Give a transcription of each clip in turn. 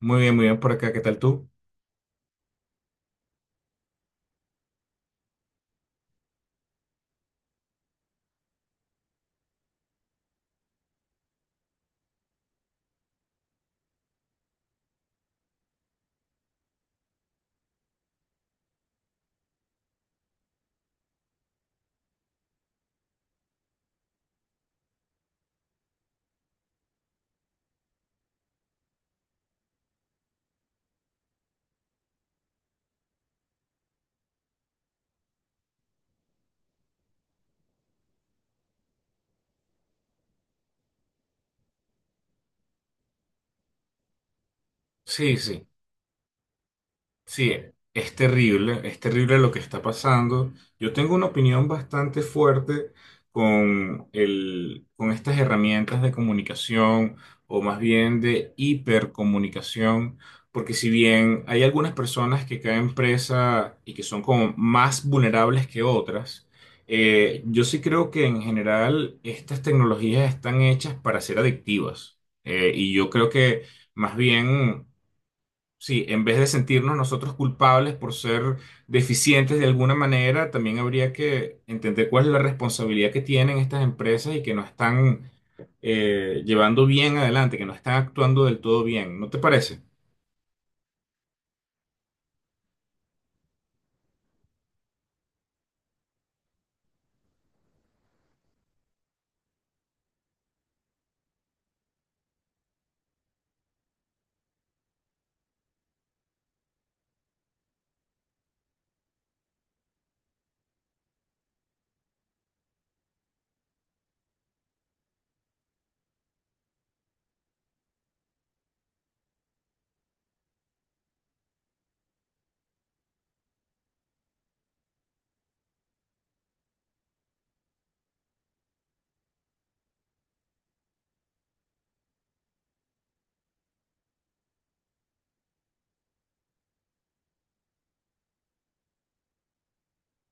Muy bien por acá. ¿Qué tal tú? Sí, sí. Sí, es terrible lo que está pasando. Yo tengo una opinión bastante fuerte con con estas herramientas de comunicación o más bien de hipercomunicación, porque si bien hay algunas personas que caen presa y que son como más vulnerables que otras, yo sí creo que en general estas tecnologías están hechas para ser adictivas. Y yo creo que más bien. Sí, en vez de sentirnos nosotros culpables por ser deficientes de alguna manera, también habría que entender cuál es la responsabilidad que tienen estas empresas y que no están llevando bien adelante, que no están actuando del todo bien. ¿No te parece?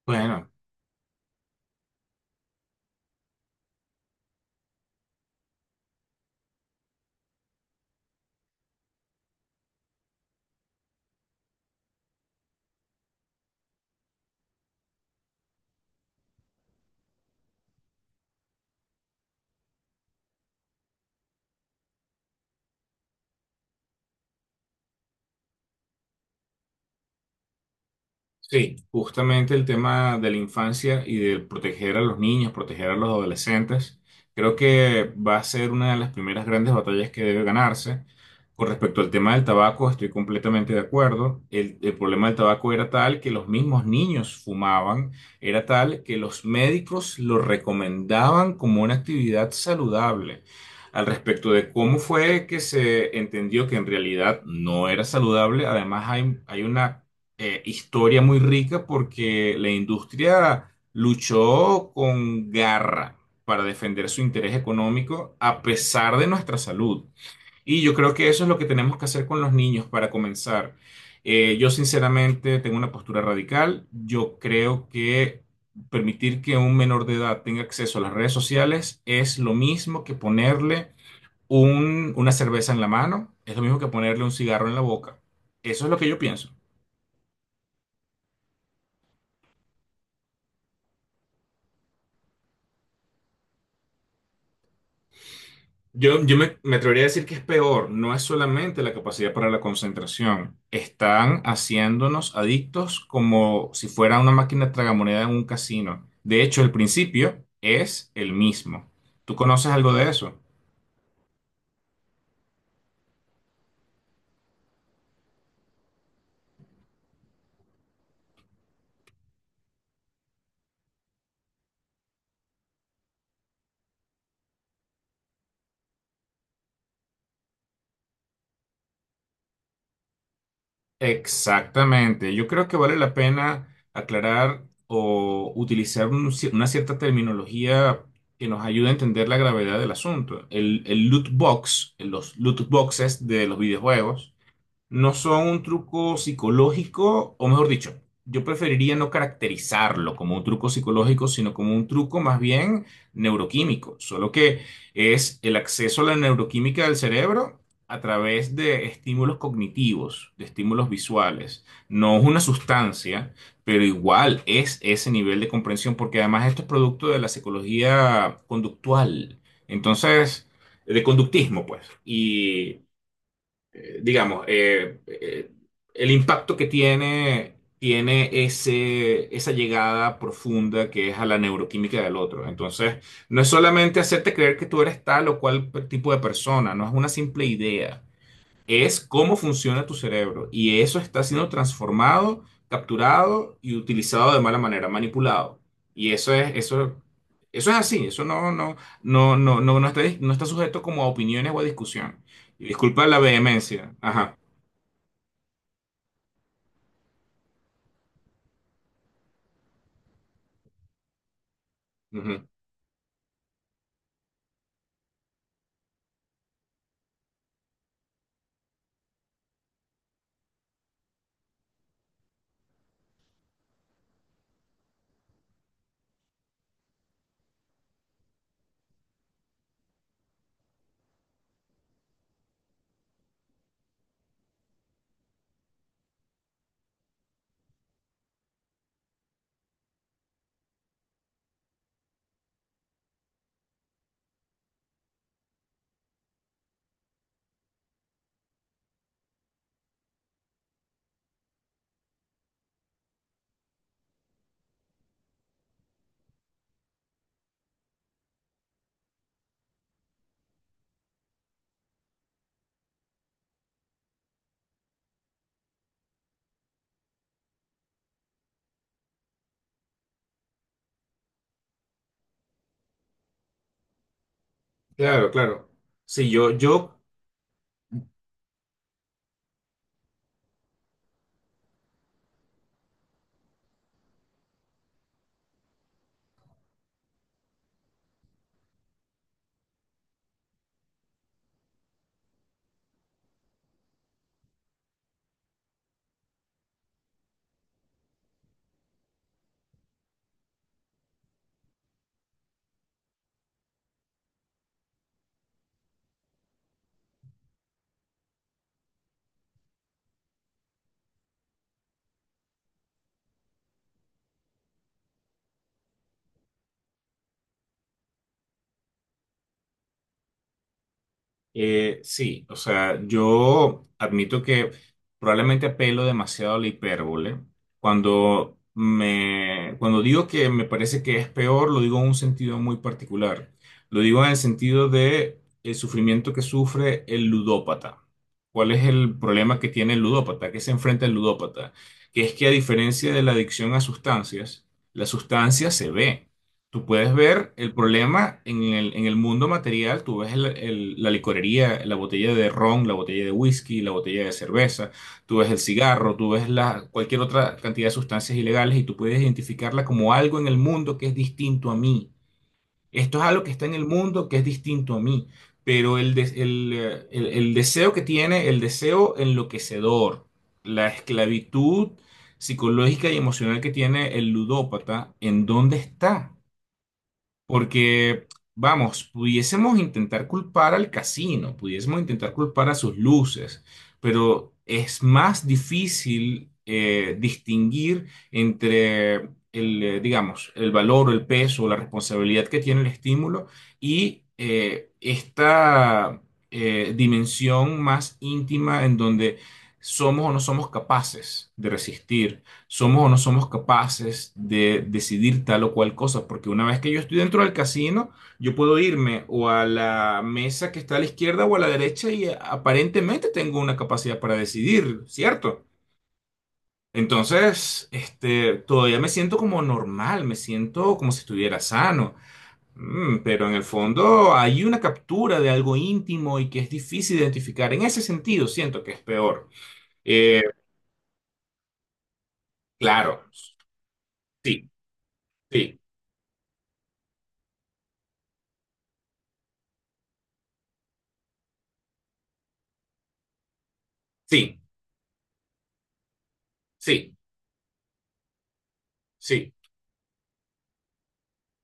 Bueno. Sí, justamente el tema de la infancia y de proteger a los niños, proteger a los adolescentes, creo que va a ser una de las primeras grandes batallas que debe ganarse. Con respecto al tema del tabaco, estoy completamente de acuerdo. El problema del tabaco era tal que los mismos niños fumaban, era tal que los médicos lo recomendaban como una actividad saludable. Al respecto de cómo fue que se entendió que en realidad no era saludable, además hay una historia muy rica porque la industria luchó con garra para defender su interés económico a pesar de nuestra salud. Y yo creo que eso es lo que tenemos que hacer con los niños para comenzar. Yo sinceramente tengo una postura radical. Yo creo que permitir que un menor de edad tenga acceso a las redes sociales es lo mismo que ponerle una cerveza en la mano, es lo mismo que ponerle un cigarro en la boca. Eso es lo que yo pienso. Yo me atrevería a decir que es peor, no es solamente la capacidad para la concentración, están haciéndonos adictos como si fuera una máquina tragamoneda en un casino. De hecho, el principio es el mismo. ¿Tú conoces algo de eso? Exactamente, yo creo que vale la pena aclarar o utilizar una cierta terminología que nos ayude a entender la gravedad del asunto. El loot box, los loot boxes de los videojuegos no son un truco psicológico, o mejor dicho, yo preferiría no caracterizarlo como un truco psicológico, sino como un truco más bien neuroquímico, solo que es el acceso a la neuroquímica del cerebro a través de estímulos cognitivos, de estímulos visuales. No es una sustancia, pero igual es ese nivel de comprensión, porque además esto es producto de la psicología conductual. Entonces, de conductismo, pues. Y digamos, el impacto que tiene, tiene esa llegada profunda que es a la neuroquímica del otro. Entonces, no es solamente hacerte creer que tú eres tal o cual tipo de persona, no es una simple idea, es cómo funciona tu cerebro y eso está siendo transformado, capturado y utilizado de mala manera, manipulado. Y eso es, eso es así, eso no está, no está sujeto como a opiniones o a discusión. Y disculpa la vehemencia. Ajá. Ujú. Claro, claro. Sí, yo. Sí, o sea, yo admito que probablemente apelo demasiado a la hipérbole. Cuando digo que me parece que es peor, lo digo en un sentido muy particular. Lo digo en el sentido de el sufrimiento que sufre el ludópata. ¿Cuál es el problema que tiene el ludópata? ¿Qué se enfrenta el ludópata? Que es que a diferencia de la adicción a sustancias, la sustancia se ve. Tú puedes ver el problema en en el mundo material, tú ves la licorería, la botella de ron, la botella de whisky, la botella de cerveza, tú ves el cigarro, tú ves la, cualquier otra cantidad de sustancias ilegales y tú puedes identificarla como algo en el mundo que es distinto a mí. Esto es algo que está en el mundo que es distinto a mí, pero el deseo que tiene, el deseo enloquecedor, la esclavitud psicológica y emocional que tiene el ludópata, ¿en dónde está? Porque, vamos, pudiésemos intentar culpar al casino, pudiésemos intentar culpar a sus luces, pero es más difícil distinguir entre digamos, el valor o el peso o la responsabilidad que tiene el estímulo y esta dimensión más íntima en donde somos o no somos capaces de resistir, somos o no somos capaces de decidir tal o cual cosa, porque una vez que yo estoy dentro del casino, yo puedo irme o a la mesa que está a la izquierda o a la derecha y aparentemente tengo una capacidad para decidir, ¿cierto? Entonces, este, todavía me siento como normal, me siento como si estuviera sano. Mm, pero en el fondo hay una captura de algo íntimo y que es difícil identificar. En ese sentido, siento que es peor. Eh, claro, sí, sí, sí, sí. Sí,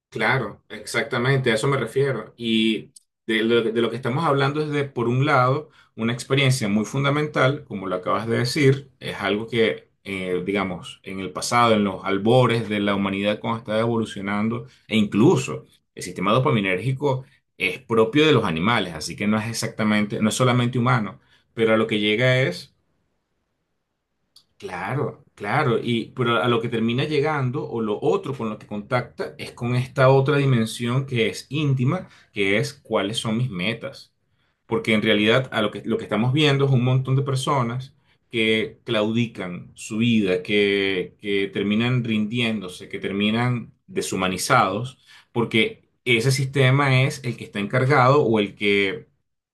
claro, exactamente, a eso me refiero. Y de lo que estamos hablando es de, por un lado, una experiencia muy fundamental, como lo acabas de decir, es algo que, digamos, en el pasado, en los albores de la humanidad cuando estaba evolucionando, e incluso el sistema dopaminérgico es propio de los animales, así que no es exactamente, no es solamente humano, pero a lo que llega es. Claro, claro, y pero a lo que termina llegando o lo otro con lo que contacta es con esta otra dimensión que es íntima, que es cuáles son mis metas. Porque en realidad a lo que estamos viendo es un montón de personas que claudican su vida, que terminan rindiéndose, que terminan deshumanizados, porque ese sistema es el que está encargado o el que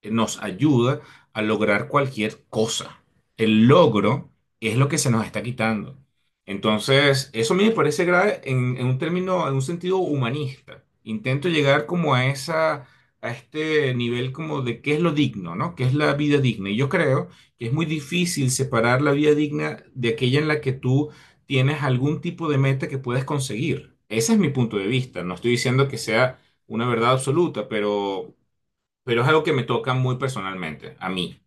nos ayuda a lograr cualquier cosa. El logro, y es lo que se nos está quitando. Entonces, eso a mí me parece grave en un término, en un sentido humanista. Intento llegar como a esa, a este nivel como de qué es lo digno, ¿no? ¿Qué es la vida digna? Y yo creo que es muy difícil separar la vida digna de aquella en la que tú tienes algún tipo de meta que puedes conseguir. Ese es mi punto de vista. No estoy diciendo que sea una verdad absoluta, pero es algo que me toca muy personalmente, a mí,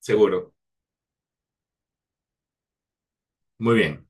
seguro. Muy bien.